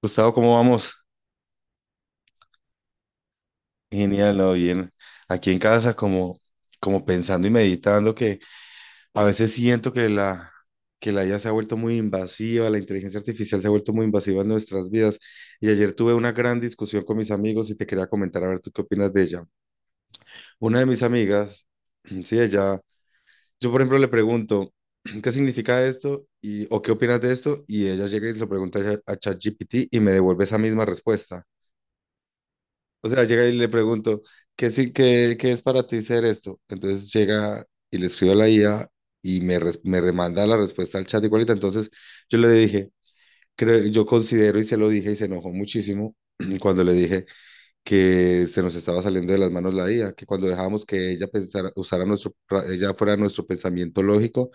Gustavo, ¿cómo vamos? Genial, ¿no? Bien. Aquí en casa, como pensando y meditando, que a veces siento que la IA se ha vuelto muy invasiva, la inteligencia artificial se ha vuelto muy invasiva en nuestras vidas. Y ayer tuve una gran discusión con mis amigos y te quería comentar, a ver, ¿tú qué opinas de ella? Una de mis amigas, sí, ella, yo por ejemplo le pregunto, ¿qué significa esto? Y, ¿o qué opinas de esto? Y ella llega y se lo pregunta a ChatGPT y me devuelve esa misma respuesta. O sea, llega y le pregunto, ¿qué es para ti ser esto? Entonces llega y le escribo a la IA y me remanda la respuesta al chat igualita. Entonces yo le dije, creo, yo considero, y se lo dije y se enojó muchísimo cuando le dije, que se nos estaba saliendo de las manos la IA, que cuando dejábamos que ella pensara, usara ella fuera nuestro pensamiento lógico,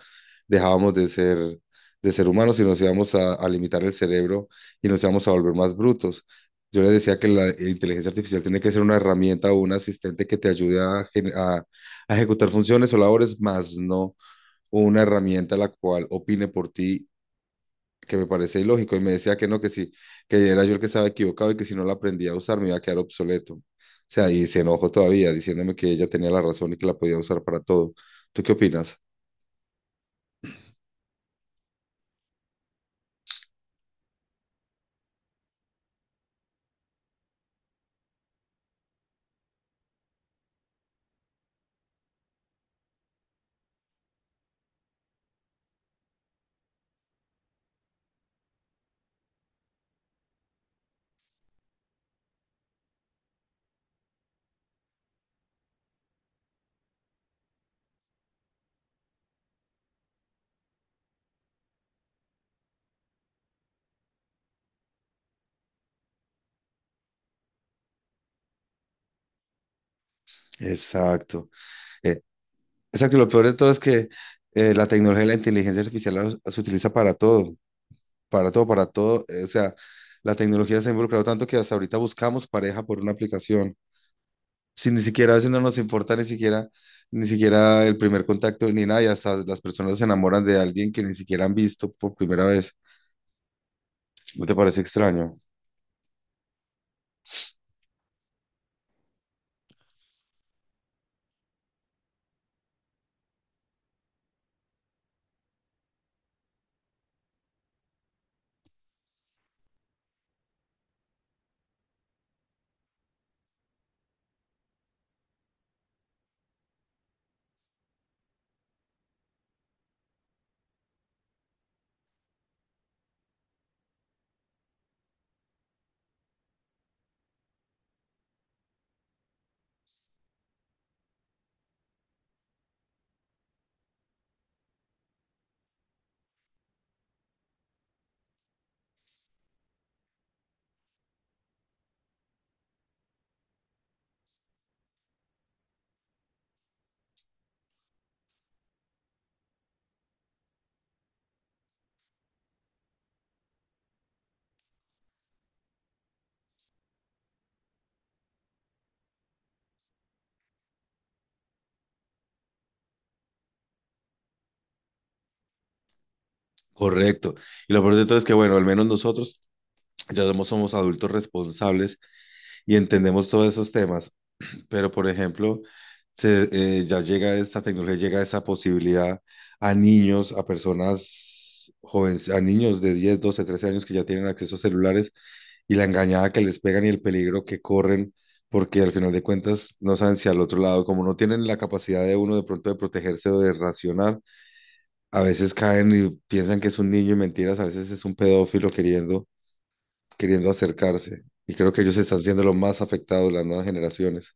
dejábamos de ser, de ser humanos y nos íbamos a limitar el cerebro y nos íbamos a volver más brutos. Yo le decía que la inteligencia artificial tiene que ser una herramienta o un asistente que te ayude a ejecutar funciones o labores, más no una herramienta la cual opine por ti, que me parece ilógico, y me decía que no, que sí, que era yo el que estaba equivocado y que si no la aprendía a usar me iba a quedar obsoleto. O sea, y se enojó todavía diciéndome que ella tenía la razón y que la podía usar para todo. ¿Tú qué opinas? Exacto. Eh, exacto, y lo peor de todo es que la tecnología y la inteligencia artificial se utiliza para todo, para todo, para todo. O sea, la tecnología se ha involucrado tanto que hasta ahorita buscamos pareja por una aplicación. Si ni siquiera a veces no nos importa ni siquiera el primer contacto ni nada, y hasta las personas se enamoran de alguien que ni siquiera han visto por primera vez. ¿No te parece extraño? Correcto. Y lo peor de todo es que, bueno, al menos nosotros ya somos adultos responsables y entendemos todos esos temas. Pero, por ejemplo, ya llega esta tecnología, llega esa posibilidad a niños, a personas jóvenes, a niños de 10, 12, 13 años que ya tienen acceso a celulares, y la engañada que les pegan y el peligro que corren, porque al final de cuentas no saben si al otro lado, como no tienen la capacidad de uno de pronto de protegerse o de racionar, a veces caen y piensan que es un niño y mentiras, a veces es un pedófilo queriendo acercarse. Y creo que ellos están siendo los más afectados, las nuevas generaciones.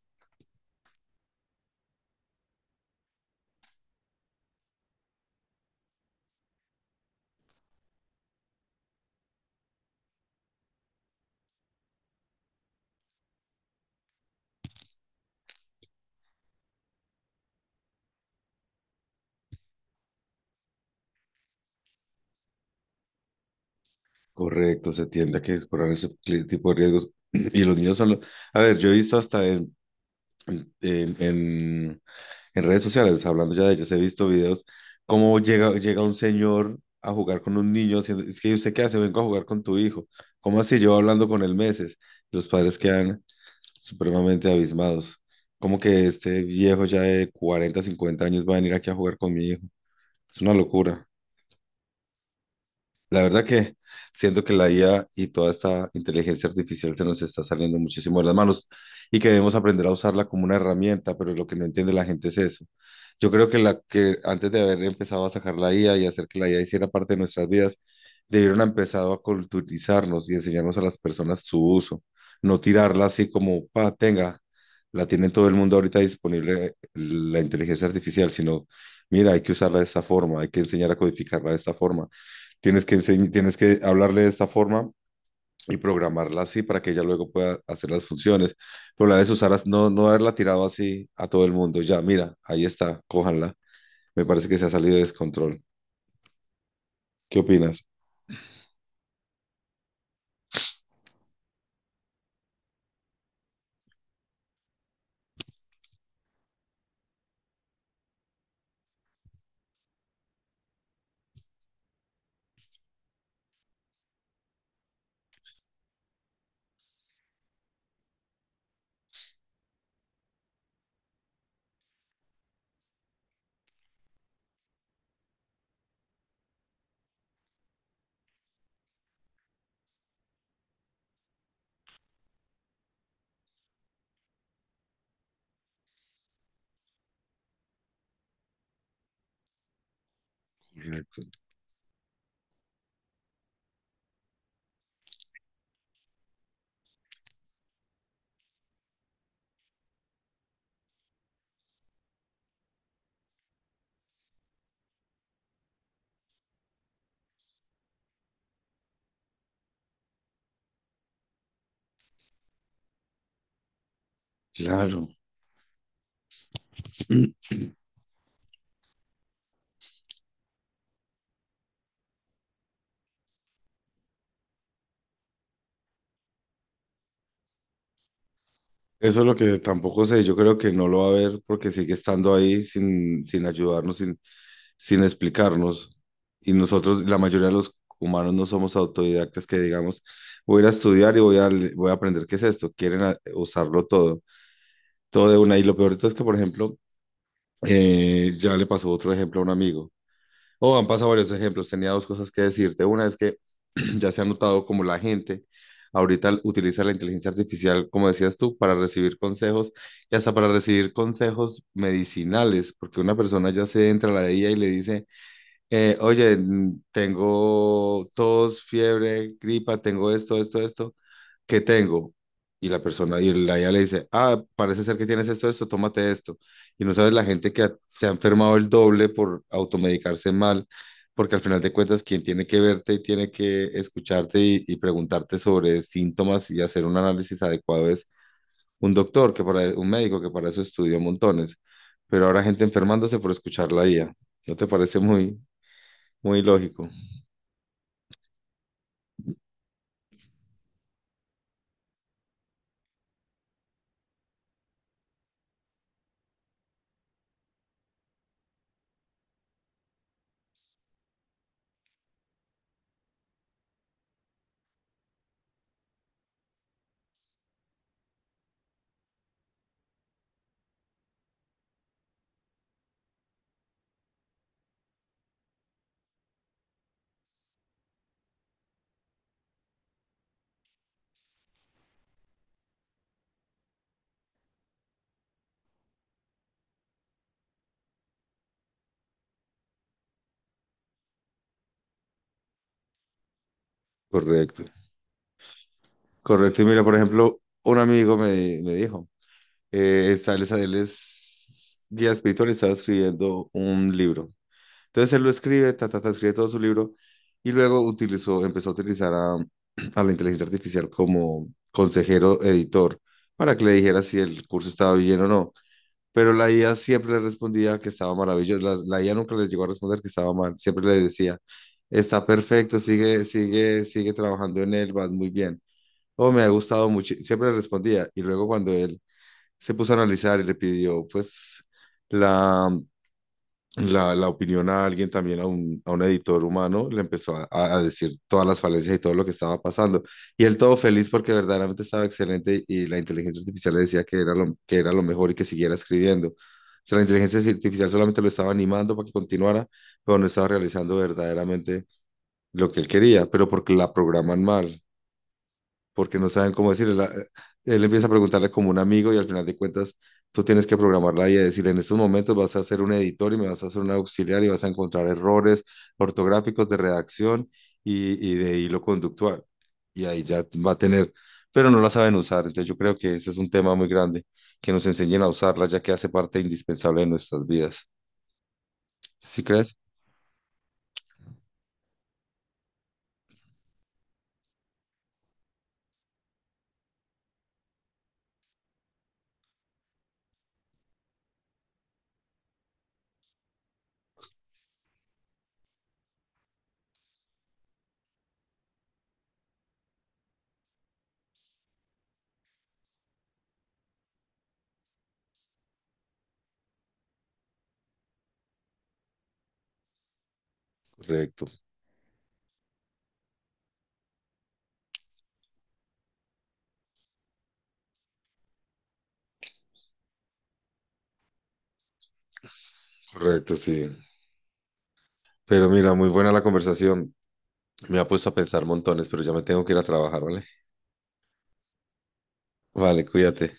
Correcto, se tiende a que corran ese tipo de riesgos. Y los niños son... A ver, yo he visto hasta en, en- en redes sociales, hablando ya de ellas, he visto videos cómo llega un señor a jugar con un niño, haciendo, es que usted qué hace, vengo a jugar con tu hijo. ¿Cómo así? Llevo hablando con él meses. Los padres quedan supremamente abismados. Como que este viejo ya de 40, 50 años va a venir aquí a jugar con mi hijo. Es una locura. La verdad que siento que la IA y toda esta inteligencia artificial se nos está saliendo muchísimo de las manos y que debemos aprender a usarla como una herramienta, pero lo que no entiende la gente es eso. Yo creo que la que antes de haber empezado a sacar la IA y hacer que la IA hiciera parte de nuestras vidas, debieron haber empezado a culturizarnos y enseñarnos a las personas su uso, no tirarla así como, pa, tenga, la tiene todo el mundo ahorita disponible la inteligencia artificial, sino, mira, hay que usarla de esta forma, hay que enseñar a codificarla de esta forma. Tienes que hablarle de esta forma y programarla así para que ella luego pueda hacer las funciones. Pero la de Susana, no, no haberla tirado así a todo el mundo. Ya, mira, ahí está, cójanla. Me parece que se ha salido de descontrol. ¿Qué opinas? Correcto. Claro. Eso es lo que tampoco sé. Yo creo que no lo va a ver porque sigue estando ahí sin ayudarnos, sin explicarnos. Y nosotros, la mayoría de los humanos no somos autodidactas que digamos, voy a ir a estudiar y voy voy a aprender qué es esto. Quieren usarlo todo, todo de una. Y lo peor de todo es que, por ejemplo, ya le pasó otro ejemplo a un amigo. O han pasado varios ejemplos. Tenía dos cosas que decirte. Una es que ya se ha notado como la gente ahorita utiliza la inteligencia artificial, como decías tú, para recibir consejos y hasta para recibir consejos medicinales, porque una persona ya se entra a la IA y le dice, oye, tengo tos, fiebre, gripa, tengo esto, esto, esto, ¿qué tengo? Y la persona, y la IA le dice, ah, parece ser que tienes esto, esto, tómate esto. Y no sabes la gente que se ha enfermado el doble por automedicarse mal, porque al final de cuentas, quien tiene que verte y tiene que escucharte y preguntarte sobre síntomas y hacer un análisis adecuado es un doctor, que para, un médico que para eso estudió montones. Pero ahora gente enfermándose por escuchar la IA. ¿No te parece muy... muy lógico, correcto. Correcto. Y mira, por ejemplo, un amigo me dijo, él es guía espiritual y estaba escribiendo un libro. Entonces él lo escribe, ta, ta, ta, escribe todo su libro y luego empezó a utilizar a la inteligencia artificial como consejero editor para que le dijera si el curso estaba bien o no. Pero la IA siempre le respondía que estaba maravilloso. La IA nunca le llegó a responder que estaba mal, siempre le decía, está perfecto, sigue trabajando en él, vas muy bien. Oh, me ha gustado mucho, siempre le respondía. Y luego cuando él se puso a analizar y le pidió, pues, la la opinión a alguien también, a un editor humano, le empezó a decir todas las falencias y todo lo que estaba pasando. Y él todo feliz porque verdaderamente estaba excelente y la inteligencia artificial le decía que era lo mejor y que siguiera escribiendo. O sea, la inteligencia artificial solamente lo estaba animando para que continuara, pero no estaba realizando verdaderamente lo que él quería, pero porque la programan mal porque no saben cómo decirle. Él empieza a preguntarle como un amigo y al final de cuentas tú tienes que programarla y decirle, en estos momentos vas a ser un editor y me vas a hacer un auxiliar y vas a encontrar errores ortográficos de redacción y de hilo conductual. Y ahí ya va a tener, pero no la saben usar. Entonces yo creo que ese es un tema muy grande, que nos enseñen a usarla ya que hace parte indispensable de nuestras vidas. ¿Sí crees? Correcto, correcto, sí. Pero mira, muy buena la conversación. Me ha puesto a pensar montones, pero ya me tengo que ir a trabajar, ¿vale? Vale, cuídate.